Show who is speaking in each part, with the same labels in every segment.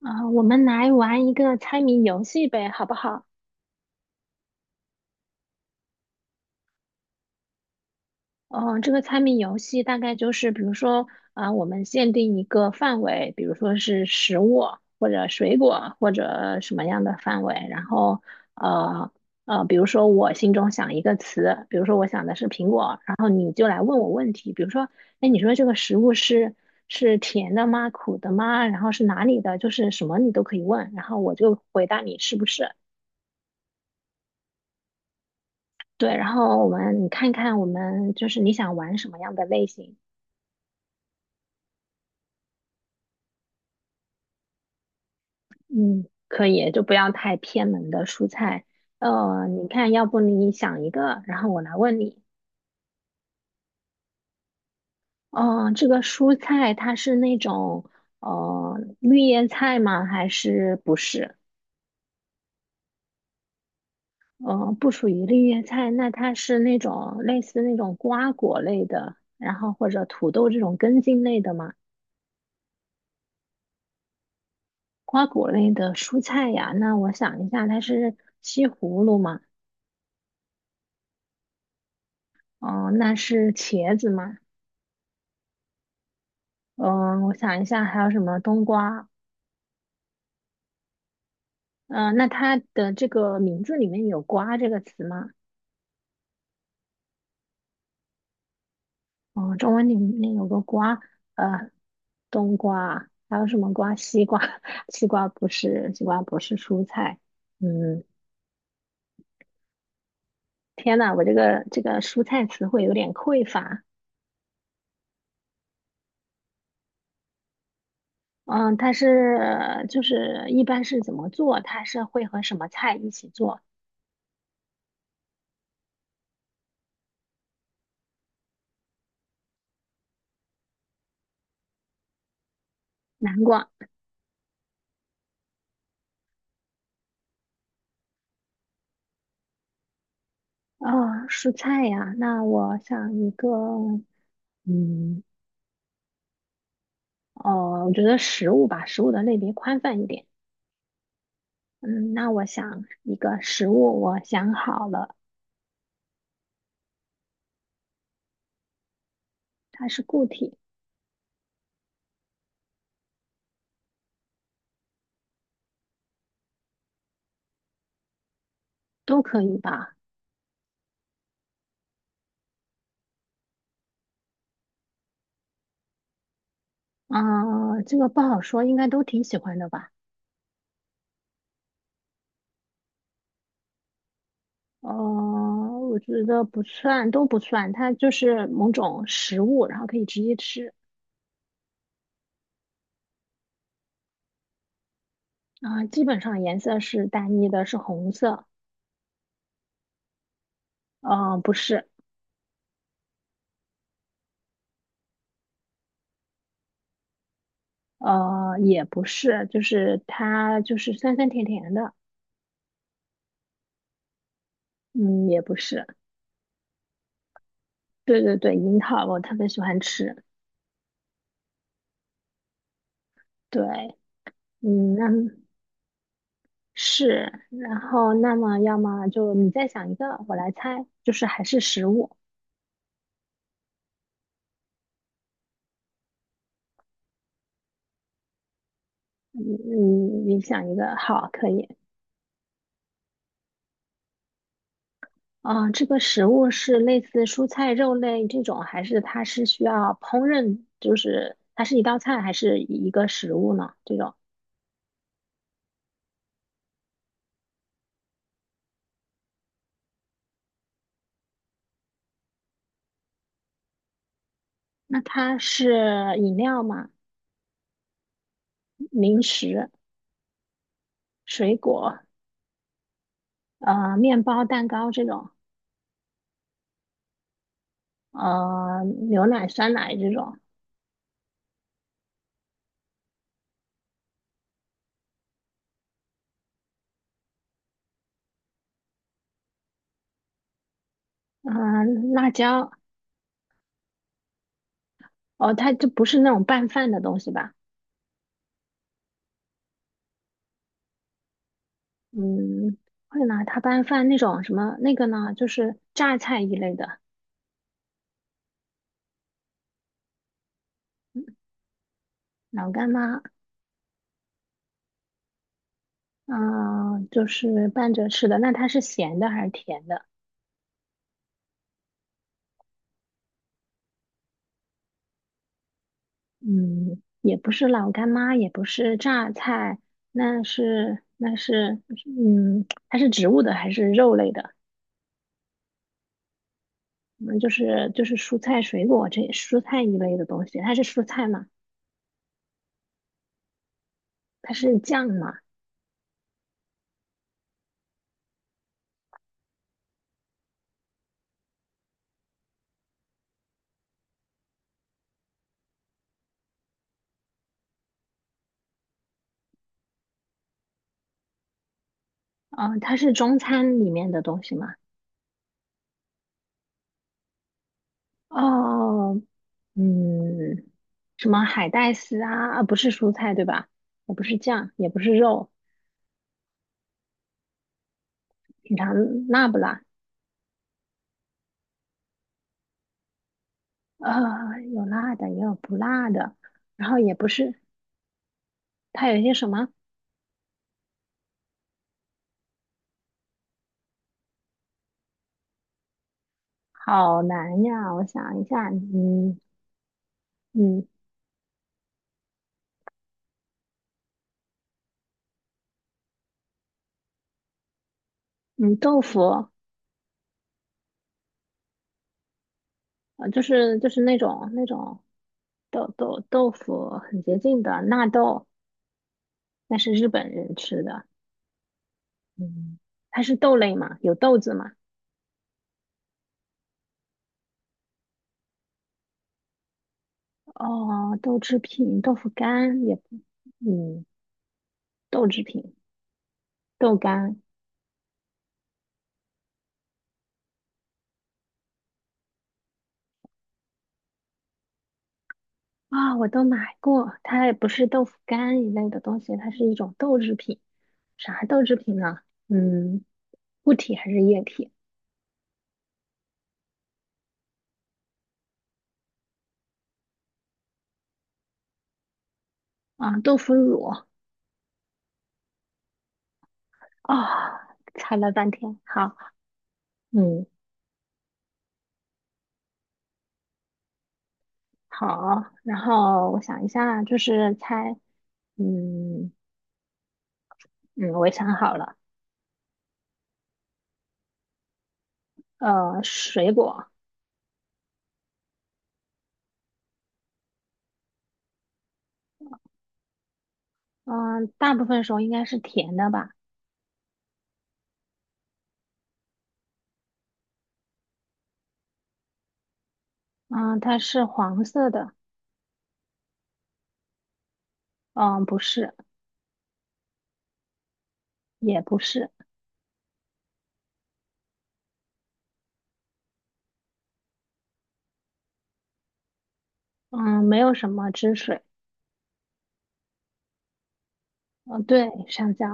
Speaker 1: 啊，我们来玩一个猜谜游戏呗，好不好？嗯，这个猜谜游戏大概就是，比如说，啊，我们限定一个范围，比如说是食物或者水果或者什么样的范围，然后，呃比如说我心中想一个词，比如说我想的是苹果，然后你就来问我问题，比如说，哎，你说这个食物是甜的吗？苦的吗？然后是哪里的？就是什么你都可以问，然后我就回答你是不是。对，然后你看看我们就是你想玩什么样的类型，嗯，可以，就不要太偏门的蔬菜。你看，要不你想一个，然后我来问你。哦、这个蔬菜它是那种绿叶菜吗？还是不是？呃，不属于绿叶菜，那它是那种类似那种瓜果类的，然后或者土豆这种根茎类的吗？瓜果类的蔬菜呀，那我想一下，它是西葫芦吗？哦，那是茄子吗？嗯，我想一下，还有什么冬瓜？嗯，那它的这个名字里面有“瓜”这个词吗？哦，中文里面有个“瓜”，呃，冬瓜，还有什么瓜？西瓜，西瓜不是，西瓜不是蔬菜。嗯，天呐，我这个蔬菜词汇有点匮乏。嗯，它是就是一般是怎么做？它是会和什么菜一起做？南瓜。啊，蔬菜呀，那我想一个，嗯，哦，我觉得食物吧，食物的类别宽泛一点。嗯，那我想一个食物，我想好了，它是固体，都可以吧？啊、这个不好说，应该都挺喜欢的吧？哦，我觉得不算，都不算，它就是某种食物，然后可以直接吃。啊、基本上颜色是单一的，是红色。嗯、不是。呃，也不是，就是它就是酸酸甜甜的，嗯，也不是，对对对，樱桃我特别喜欢吃，对，嗯，那是，然后那么要么就你再想一个，我来猜，就是还是食物，嗯，你想一个，好，可以，啊、这个食物是类似蔬菜、肉类这种，还是它是需要烹饪，就是它是一道菜还是一个食物呢？这种，那它是饮料吗？零食、水果，呃，面包、蛋糕这种，呃，牛奶、酸奶这种，嗯、辣椒，哦，它就不是那种拌饭的东西吧？嗯，会拿它拌饭那种什么那个呢，就是榨菜一类的，老干妈，嗯、就是拌着吃的。那它是咸的还是甜的？嗯，也不是老干妈，也不是榨菜，那是那是，嗯，它是植物的还是肉类的？嗯，就是蔬菜水果这蔬菜一类的东西，它是蔬菜吗？它是酱吗？啊、它是中餐里面的东西吗？哦，嗯，什么海带丝啊？啊不是蔬菜对吧？也不是酱，也不是肉，品尝辣不辣？啊，有辣的，也有不辣的，然后也不是，它有一些什么？好难呀，我想一下，嗯嗯，豆腐就是就是那种豆腐很洁净的纳豆，那是日本人吃的。嗯，它是豆类嘛，有豆子嘛。哦，豆制品、豆腐干也不嗯，豆制品、豆干啊、我都买过。它也不是豆腐干一类的东西，它是一种豆制品。啥豆制品呢？嗯，固体还是液体啊？豆腐乳啊，猜了半天，好，嗯。好，然后我想一下，就是猜，嗯嗯，我也想好了，呃，水果，嗯、大部分时候应该是甜的吧，嗯、它是黄色的，嗯、不是，也不是，嗯、没有什么汁水，嗯、对，上蕉，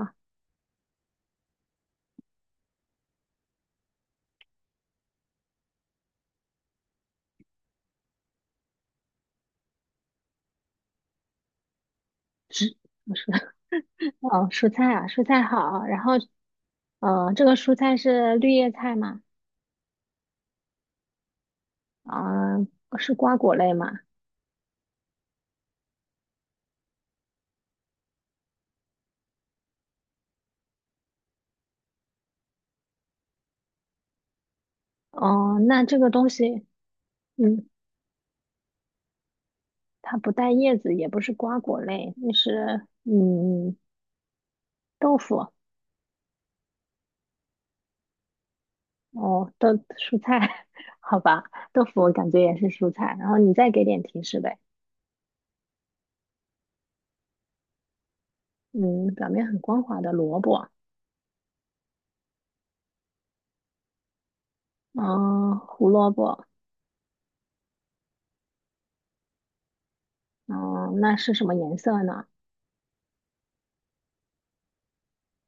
Speaker 1: 汁，不是，哦，蔬菜啊，蔬菜好，然后，呃，这个蔬菜是绿叶菜嘛，啊、是瓜果类嘛，哦、那这个东西。嗯。它不带叶子，也不是瓜果类，那是嗯豆腐哦，豆蔬菜，好吧，豆腐我感觉也是蔬菜。然后你再给点提示呗，嗯，表面很光滑的萝卜，嗯，胡萝卜，嗯，那是什么颜色呢？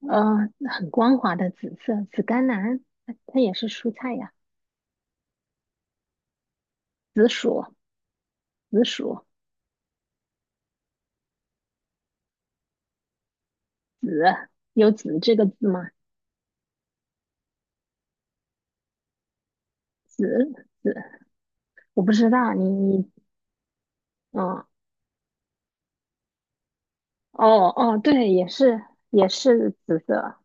Speaker 1: 呃，很光滑的紫色，紫甘蓝，它也是蔬菜呀，紫薯，紫薯，紫，有紫这个字吗？紫紫，我不知道，你嗯，哦哦，对，也是也是紫色。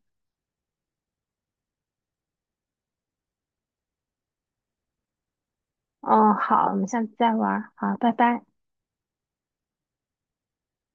Speaker 1: 哦，好，我们下次再玩儿。好，拜拜。